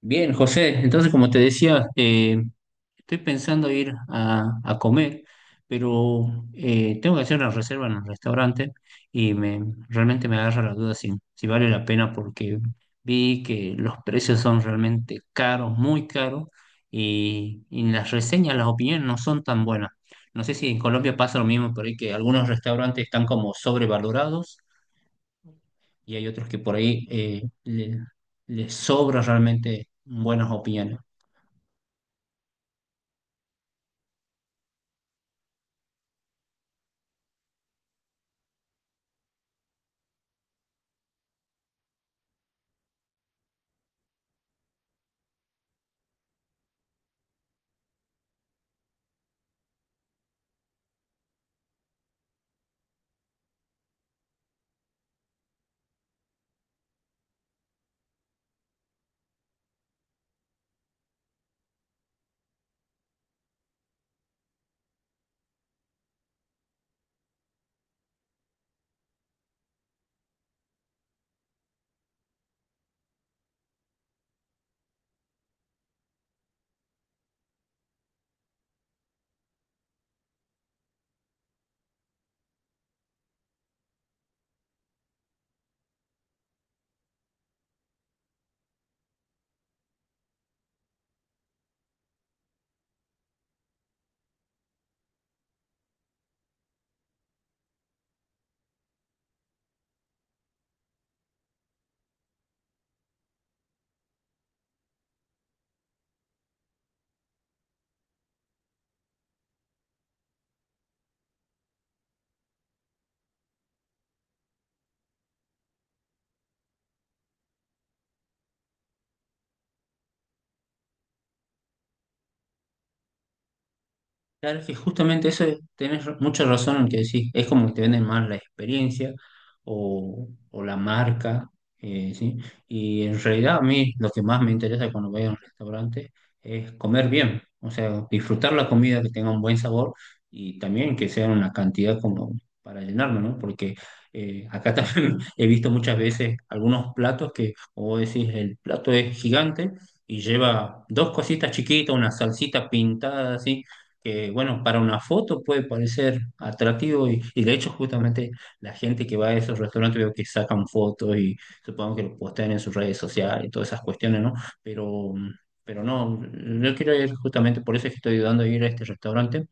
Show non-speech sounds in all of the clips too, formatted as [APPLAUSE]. Bien, José, entonces como te decía, estoy pensando ir a comer, pero tengo que hacer una reserva en el restaurante y me, realmente me agarra la duda si vale la pena porque vi que los precios son realmente caros, muy caros, y las reseñas, las opiniones no son tan buenas. No sé si en Colombia pasa lo mismo, por ahí que algunos restaurantes están como sobrevalorados y hay otros que por ahí les sobra realmente buenas opiniones. Claro, es que justamente tenés mucha razón en que decís. Es como que te venden más la experiencia o la marca, ¿sí? Y en realidad a mí lo que más me interesa cuando voy a un restaurante es comer bien, o sea, disfrutar la comida que tenga un buen sabor y también que sea una cantidad como para llenarme, ¿no? Porque acá [LAUGHS] también he visto muchas veces algunos platos que, como vos decís, el plato es gigante y lleva dos cositas chiquitas, una salsita pintada así que, bueno, para una foto puede parecer atractivo y de hecho justamente la gente que va a esos restaurantes veo que sacan fotos y supongo que lo postean en sus redes sociales y todas esas cuestiones, ¿no? Pero, pero no, yo quiero ir justamente, por eso es que estoy ayudando a ir a este restaurante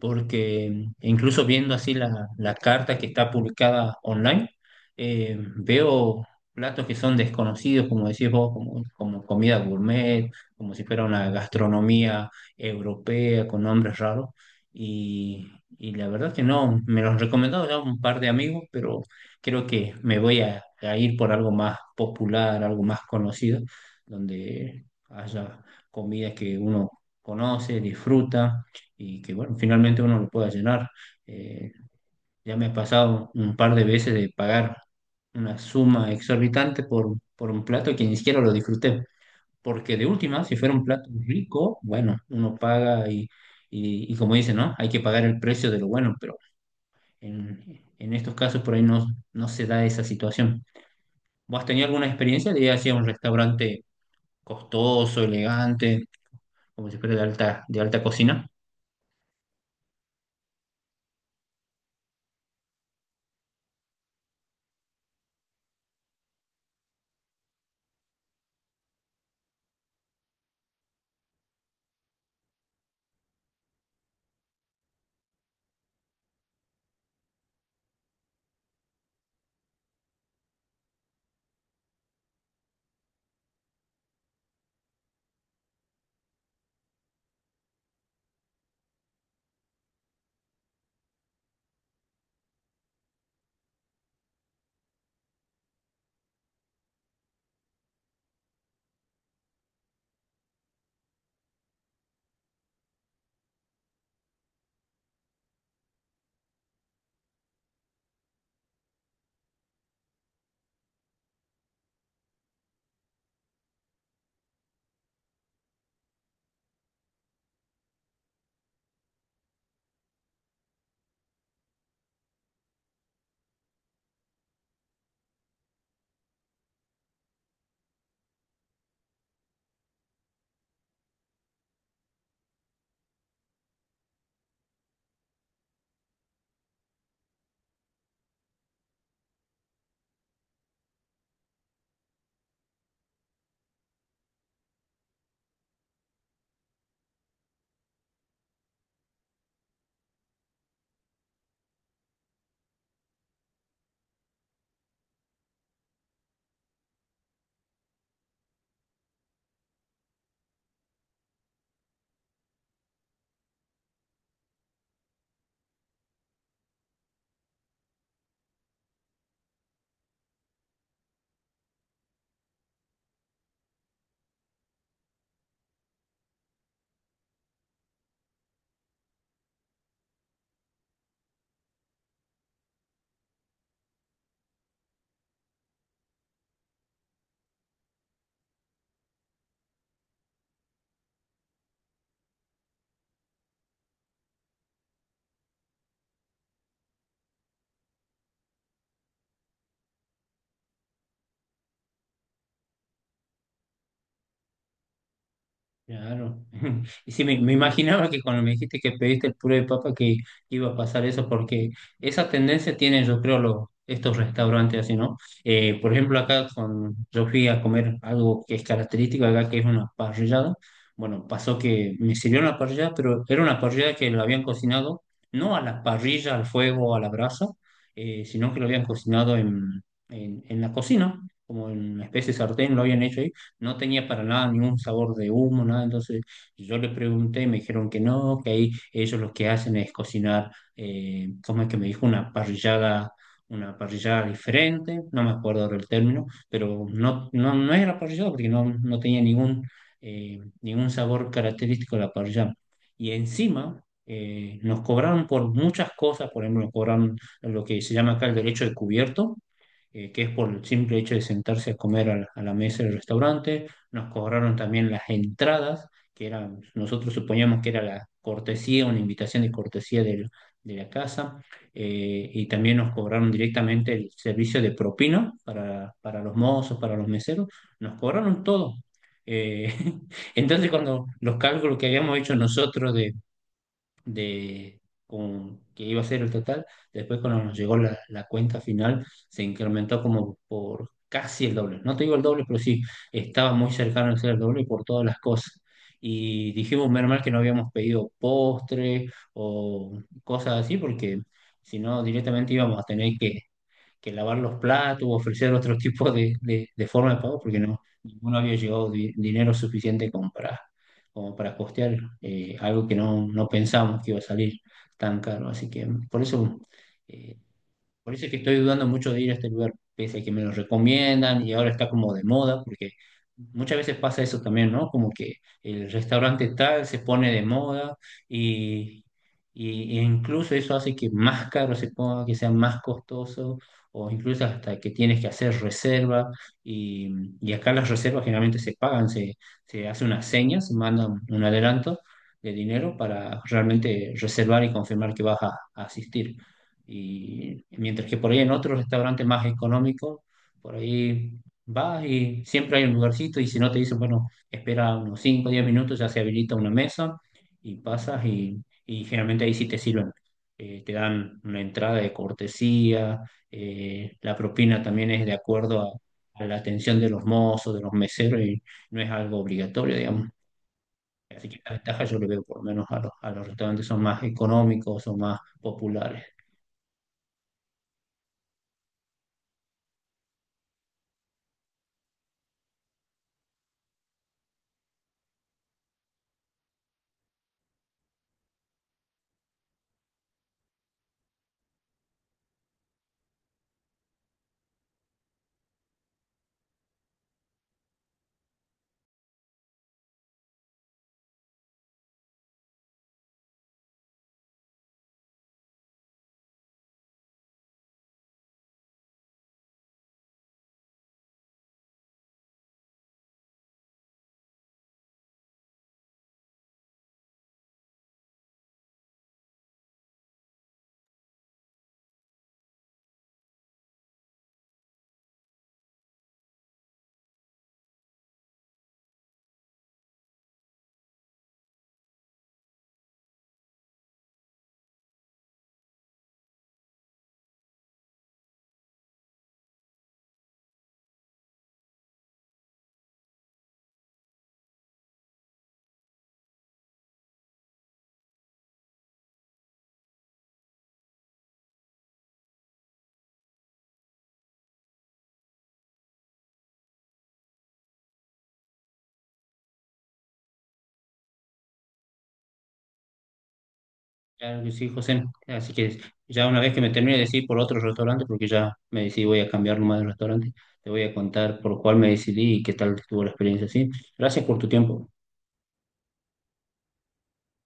porque incluso viendo así la carta que está publicada online, veo platos que son desconocidos, como decís vos, como comida gourmet, como si fuera una gastronomía europea con nombres raros. Y, y la verdad que no, me los han recomendado ya un par de amigos, pero creo que me voy a ir por algo más popular, algo más conocido, donde haya comidas que uno conoce, disfruta y que bueno, finalmente uno lo pueda llenar. Eh, ya me ha pasado un par de veces de pagar una suma exorbitante por un plato que ni siquiera lo disfruté, porque de última, si fuera un plato rico, bueno, uno paga y, y como dice, ¿no? Hay que pagar el precio de lo bueno, pero en estos casos por ahí no, no se da esa situación. ¿Vos has tenido alguna experiencia de ir hacia un restaurante costoso, elegante, como si fuera de de alta cocina? Claro. [LAUGHS] Y sí, me imaginaba que cuando me dijiste que pediste el puré de papa que iba a pasar eso, porque esa tendencia tienen, yo creo, los, estos restaurantes así, ¿no? Por ejemplo, yo fui a comer algo que es característico acá, que es una parrillada. Bueno, pasó que me sirvieron la parrillada, pero era una parrillada que la habían cocinado, no a la parrilla, al fuego, a la brasa, sino que lo habían cocinado en la cocina, como en una especie de sartén, lo habían hecho ahí no tenía para nada ningún sabor de humo, nada. Entonces yo le pregunté y me dijeron que no, que ahí ellos lo que hacen es cocinar, ¿cómo es que me dijo? Una parrillada diferente, no me acuerdo ahora el término, pero no, no, no era parrillada porque no, no tenía ningún, ningún sabor característico de la parrillada. Y encima... nos cobraron por muchas cosas, por ejemplo, nos cobraron lo que se llama acá el derecho de cubierto, que es por el simple hecho de sentarse a comer a a la mesa del restaurante. Nos cobraron también las entradas, que eran, nosotros suponíamos que era la cortesía, una invitación de cortesía de la casa, y también nos cobraron directamente el servicio de propina para los mozos, para los meseros, nos cobraron todo. Eh, [LAUGHS] entonces, cuando los cálculos que habíamos hecho nosotros de que iba a ser el total. Después cuando nos llegó la cuenta final, se incrementó como por casi el doble. No te digo el doble, pero sí, estaba muy cercano de ser el doble por todas las cosas. Y dijimos, menos mal que no habíamos pedido postre o cosas así, porque si no, directamente íbamos a tener que lavar los platos, ofrecer otro tipo de forma de pago, porque no, ninguno había llevado dinero suficiente como para, como para costear algo que no, no pensamos que iba a salir tan caro. Así que eh, por eso es que estoy dudando mucho de ir a este lugar, pese a que me lo recomiendan y ahora está como de moda, porque muchas veces pasa eso también, ¿no? Como que el restaurante tal se pone de moda y, e incluso eso hace que más caro se ponga, que sea más costoso, o incluso hasta que tienes que hacer reserva. Y, y acá las reservas generalmente se pagan, se hace una seña, se manda un adelanto de dinero para realmente reservar y confirmar que vas a asistir. Y mientras que por ahí en otro restaurante más económico por ahí vas y siempre hay un lugarcito y si no te dicen, bueno, espera unos 5 o 10 minutos, ya se habilita una mesa y pasas y generalmente ahí sí te sirven. Te dan una entrada de cortesía, la propina también es de acuerdo a la atención de los mozos, de los meseros y no es algo obligatorio, digamos. Así que la ventaja yo le veo por lo menos a a los restaurantes son más económicos, son más populares. Claro que sí, José. Así que ya una vez que me termine de decir por otro restaurante, porque ya me decidí voy a cambiar nomás de restaurante, te voy a contar por cuál me decidí y qué tal estuvo la experiencia, ¿sí? Gracias por tu tiempo.